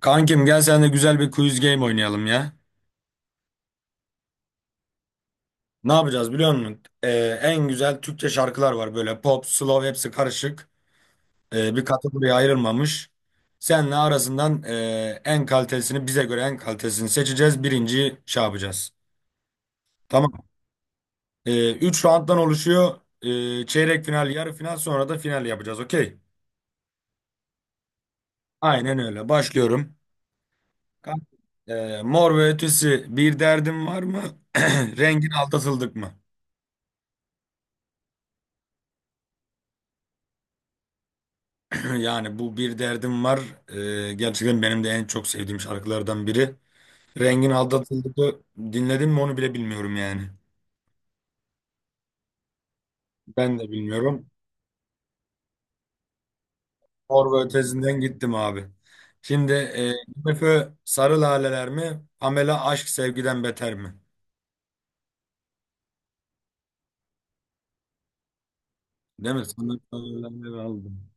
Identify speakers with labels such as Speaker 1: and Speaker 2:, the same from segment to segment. Speaker 1: Kankim gel sen de güzel bir quiz game oynayalım ya. Ne yapacağız biliyor musun? En güzel Türkçe şarkılar var böyle pop, slow hepsi karışık. Bir kategoriye ayrılmamış. Senle arasından en kalitesini bize göre en kalitesini seçeceğiz. Birinciyi şey yapacağız. Tamam. Üç rounddan oluşuyor. Çeyrek final, yarı final sonra da final yapacağız. Okey. Aynen öyle. Başlıyorum. Kanka, Mor ve Ötesi bir derdim var mı? Rengin aldatıldık mı? Yani bu bir derdim var. Gerçekten benim de en çok sevdiğim şarkılardan biri. Rengin Aldatıldık'ı dinledim mi onu bile bilmiyorum yani. Ben de bilmiyorum. Mor ve Ötesi'nden gittim abi. Şimdi MF Sarı Laleler mi? Pamela Aşk Sevgiden Beter mi? Değil mi? Sana sarı laleler aldım.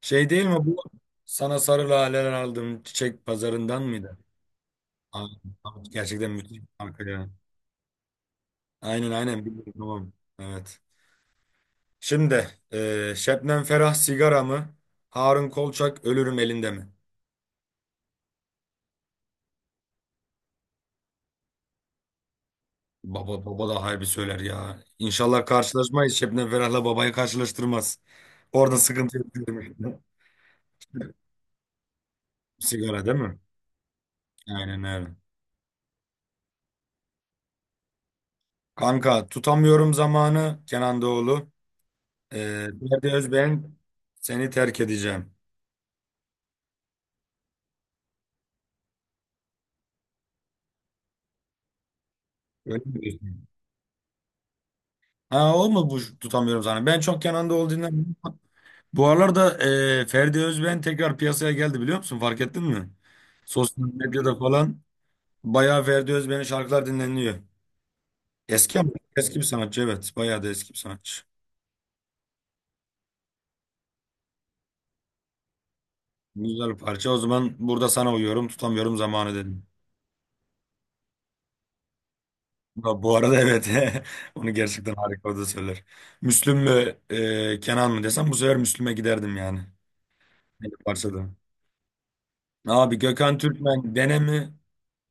Speaker 1: Şey değil mi bu? Sana sarı laleler aldım çiçek pazarından mıydı? Aa, gerçekten müthiş bir şarkı ya. Aynen biliyorum tamam. Evet. Şimdi Şebnem Ferah sigara mı? Harun Kolçak ölürüm elinde mi? Baba da harbi söyler ya. İnşallah karşılaşmayız. Şebnem Ferah'la babayı karşılaştırmaz. Orada sıkıntı yok diyorum. Sigara değil mi? Aynen öyle. Kanka tutamıyorum zamanı Kenan Doğulu. Ferdi Özbeğen seni terk edeceğim. Öyle mi diyorsun? Ha o mu bu tutamıyorum zamanı? Ben çok Kenan Doğulu dinlemiyorum. Bu aralarda Ferdi Özben tekrar piyasaya geldi biliyor musun? Fark ettin mi? Sosyal medyada falan bayağı Ferdi Özben'in şarkılar dinleniliyor. Eski ama eski bir sanatçı evet. Bayağı da eski bir sanatçı. Güzel bir parça. O zaman burada sana uyuyorum. Tutamıyorum zamanı dedim. Bu arada evet. Onu gerçekten harika o da söyler. Müslüm mü Kenan mı desem bu sefer Müslüm'e giderdim yani. Benim parçada. Abi Gökhan Türkmen Dene mi?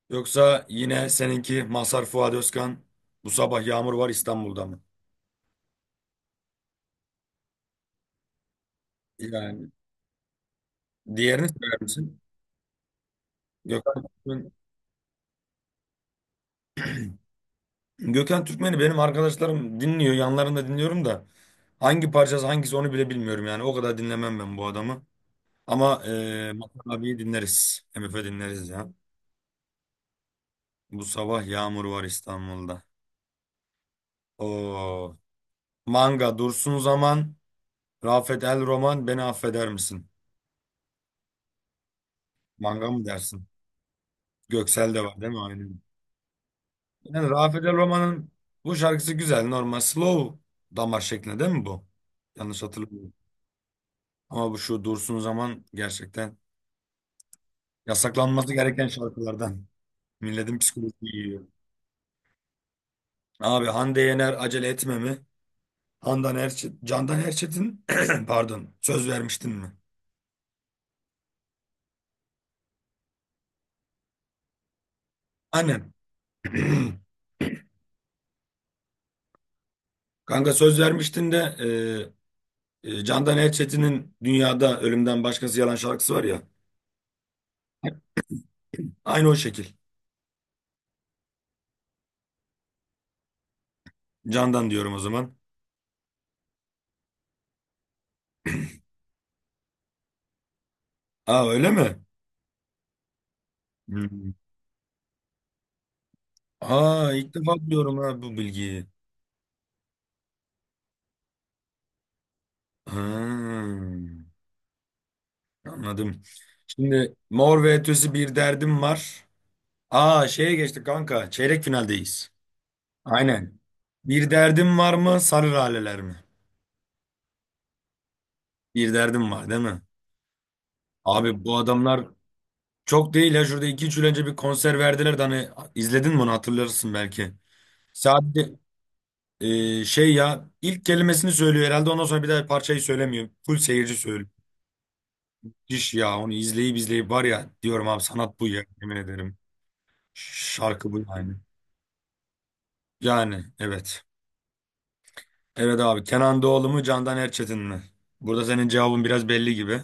Speaker 1: Yoksa yine seninki Mazhar Fuat Özkan bu sabah yağmur var İstanbul'da mı? Yani diğerini söyler misin? Gökhan Türkmen. Gökhan Türkmen'i benim arkadaşlarım dinliyor. Yanlarında dinliyorum da hangi parçası hangisi onu bile bilmiyorum yani. O kadar dinlemem ben bu adamı. Ama Mazhar abiyi dinleriz. MF dinleriz ya. Bu sabah yağmur var İstanbul'da. Oo. Manga Dursun Zaman, Rafet El Roman beni affeder misin? Manga mı dersin? Göksel de var değil mi? Aynen. Yani Rafet El Roma'nın bu şarkısı güzel. Normal slow damar şeklinde değil mi bu? Yanlış hatırlamıyorum. Ama bu şu Dursun Zaman gerçekten yasaklanması gereken şarkılardan. Milletin psikolojisi yiyor. Abi Hande Yener acele etme mi? Handan Erçet, Candan Erçetin pardon söz vermiştin mi? Annem. Kanka söz vermiştin de Candan Erçetin'in Dünyada Ölümden Başkası Yalan şarkısı var ya. Aynı o şekil. Candan diyorum o zaman. Aa öyle mi? Hmm. Aa ilk defa duyuyorum ha bu bilgiyi. Ha, anladım. Şimdi Mor ve Ötesi bir derdim var. Aa şeye geçtik kanka. Çeyrek finaldeyiz. Aynen. Bir derdim var mı? Sarı laleler mi? Bir derdim var değil mi? Abi bu adamlar çok değil ya. Şurada iki üç yıl önce bir konser verdiler de hani izledin mi onu hatırlarsın belki. Sadece şey ya ilk kelimesini söylüyor herhalde ondan sonra bir daha parçayı söylemiyor. Full seyirci söylüyor. Müthiş ya onu izleyip izleyip var ya diyorum abi sanat bu ya yemin ederim. Şarkı bu yani. Yani evet. Evet abi Kenan Doğulu mu Candan Erçetin mi? Burada senin cevabın biraz belli gibi.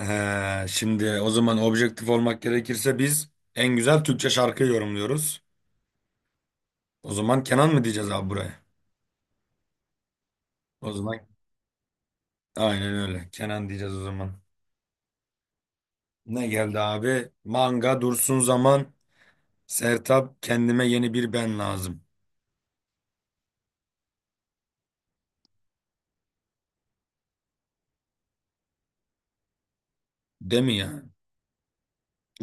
Speaker 1: Şimdi o zaman objektif olmak gerekirse biz en güzel Türkçe şarkıyı yorumluyoruz. O zaman Kenan mı diyeceğiz abi buraya? O zaman aynen öyle Kenan diyeceğiz o zaman. Ne geldi abi? Manga Dursun Zaman Sertab Kendime Yeni Bir Ben Lazım. Değil mi ya?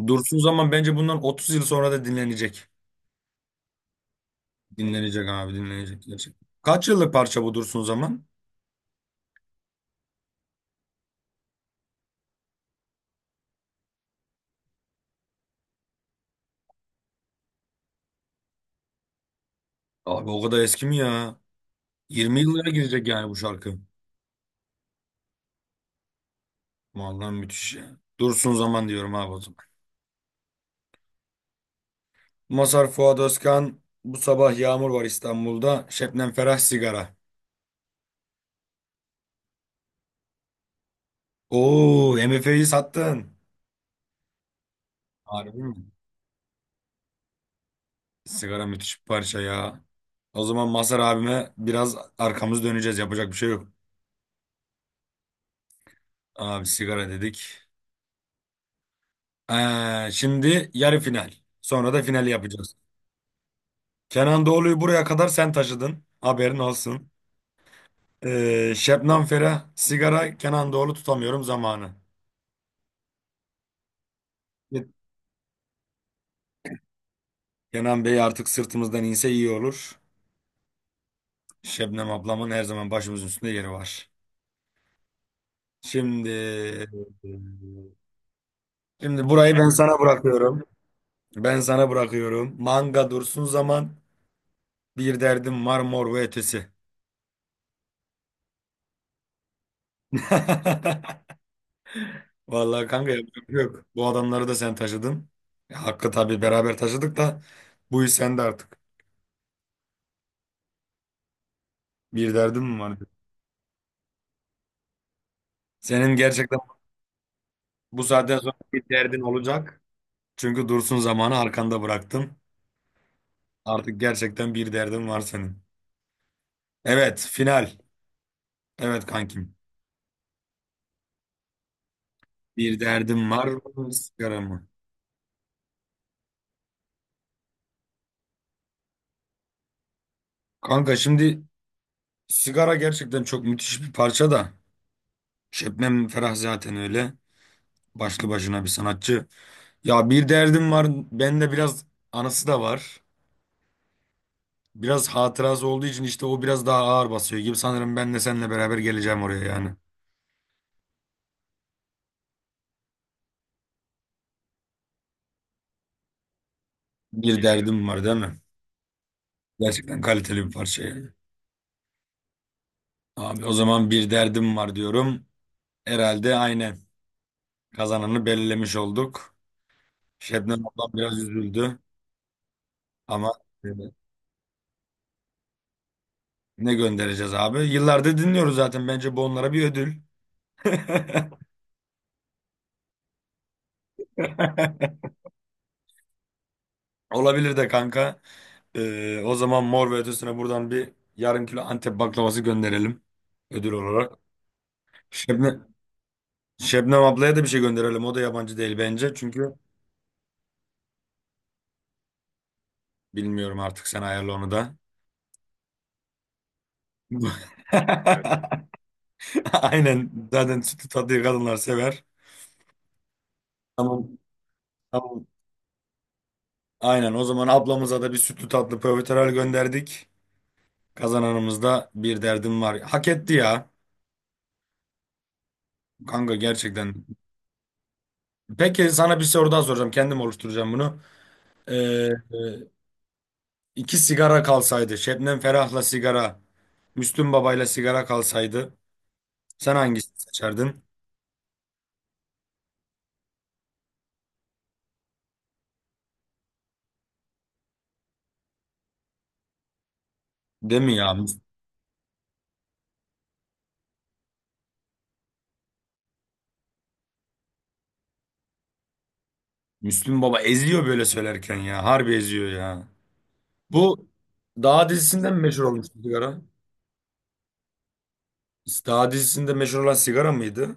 Speaker 1: Dursun Zaman bence bundan 30 yıl sonra da dinlenecek. Dinlenecek abi dinlenecek gerçekten. Kaç yıllık parça bu Dursun Zaman? Abi o kadar eski mi ya? 20 yıllara girecek yani bu şarkı. Vallahi müthiş ya. Dursun Zaman diyorum abi o zaman. Masar Fuat Özkan bu sabah yağmur var İstanbul'da. Şebnem Ferah sigara. Oo MF'yi sattın. Harbi mi? Sigara müthiş bir parça ya. O zaman Masar abime biraz arkamız döneceğiz. Yapacak bir şey yok. Abi sigara dedik. Şimdi yarı final. Sonra da final yapacağız. Kenan Doğulu'yu buraya kadar sen taşıdın. Haberin olsun. Şebnem Ferah, sigara, Kenan Doğulu tutamıyorum zamanı. Evet. Kenan Bey artık sırtımızdan inse iyi olur. Şebnem ablamın her zaman başımızın üstünde yeri var. Şimdi şimdi burayı ben sana bırakıyorum. Ben sana bırakıyorum. Manga dursun zaman bir derdim var mor ve ötesi. Vallahi kanka yapacak bir şey yok. Bu adamları da sen taşıdın. Ya, hakkı tabii beraber taşıdık da bu iş sende artık. Bir derdin mi var? Senin gerçekten bu saatten sonra bir derdin olacak. Çünkü Dursun zamanı arkanda bıraktın. Artık gerçekten bir derdin var senin. Evet final. Evet kankim. Bir derdim var mı? Sigara mı? Kanka şimdi sigara gerçekten çok müthiş bir parça da. Şebnem Ferah zaten öyle. Başlı başına bir sanatçı. Ya bir derdim var. Bende biraz anısı da var. Biraz hatırası olduğu için işte o biraz daha ağır basıyor gibi. Sanırım ben de seninle beraber geleceğim oraya yani. Bir derdim var değil mi? Gerçekten kaliteli bir parça yani. Abi o zaman bir derdim var diyorum. Herhalde aynen. Kazananı belirlemiş olduk. Şebnem ablam biraz üzüldü. Ama e, ne göndereceğiz abi? Yıllardır dinliyoruz zaten. Bence bu onlara bir ödül. Olabilir de kanka. O zaman Mor ve Ötesi'ne buradan bir yarım kilo Antep baklavası gönderelim ödül olarak. Şebnem, Şebnem ablaya da bir şey gönderelim. O da yabancı değil bence. Çünkü bilmiyorum artık sen ayarla onu da. Aynen. Zaten sütlü tatlıyı kadınlar sever. Tamam. Tamam. Aynen. O zaman ablamıza da bir sütlü tatlı profiterol gönderdik. Kazananımız da bir derdim var. Hak etti ya. Kanka gerçekten. Peki sana bir soru daha soracağım. Kendim oluşturacağım bunu. Ee, e, İki sigara kalsaydı. Şebnem Ferah'la sigara. Müslüm Baba'yla sigara kalsaydı. Sen hangisini seçerdin? Değil mi ya? Müs- Müslüm Baba eziyor böyle söylerken ya. Harbi eziyor ya. Bu Dağ dizisinden mi meşhur olmuştu sigara? Dağ dizisinde meşhur olan sigara mıydı?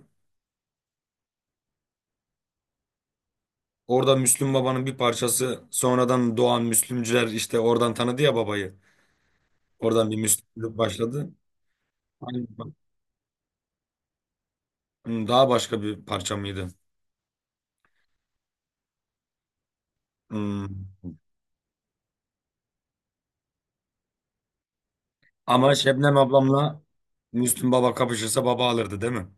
Speaker 1: Orada Müslüm Baba'nın bir parçası sonradan doğan Müslümcüler işte oradan tanıdı ya babayı. Oradan bir Müslümlük başladı. Aynı- Daha başka bir parça mıydı? Hmm. Ama Şebnem ablamla Müslüm Baba kapışırsa baba alırdı değil mi?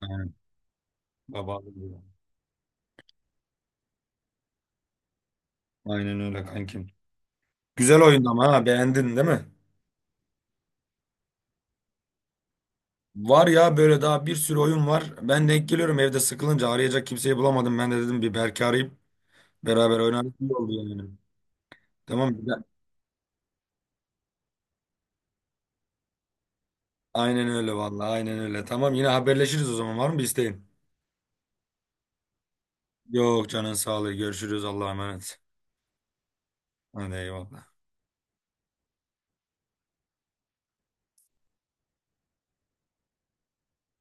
Speaker 1: Aynen. Baba alırdı. Aynen öyle kankim. Güzel oyun ama ha beğendin değil mi? Var ya böyle daha bir sürü oyun var. Ben denk geliyorum evde sıkılınca arayacak kimseyi bulamadım. Ben de dedim bir Berk'i arayıp beraber oynarız iyi oldu yani. Tamam güzel. Aynen öyle vallahi aynen öyle. Tamam yine haberleşiriz o zaman var mı bir isteğin? Yok canın sağlığı görüşürüz Allah'a emanet. Hadi eyvallah.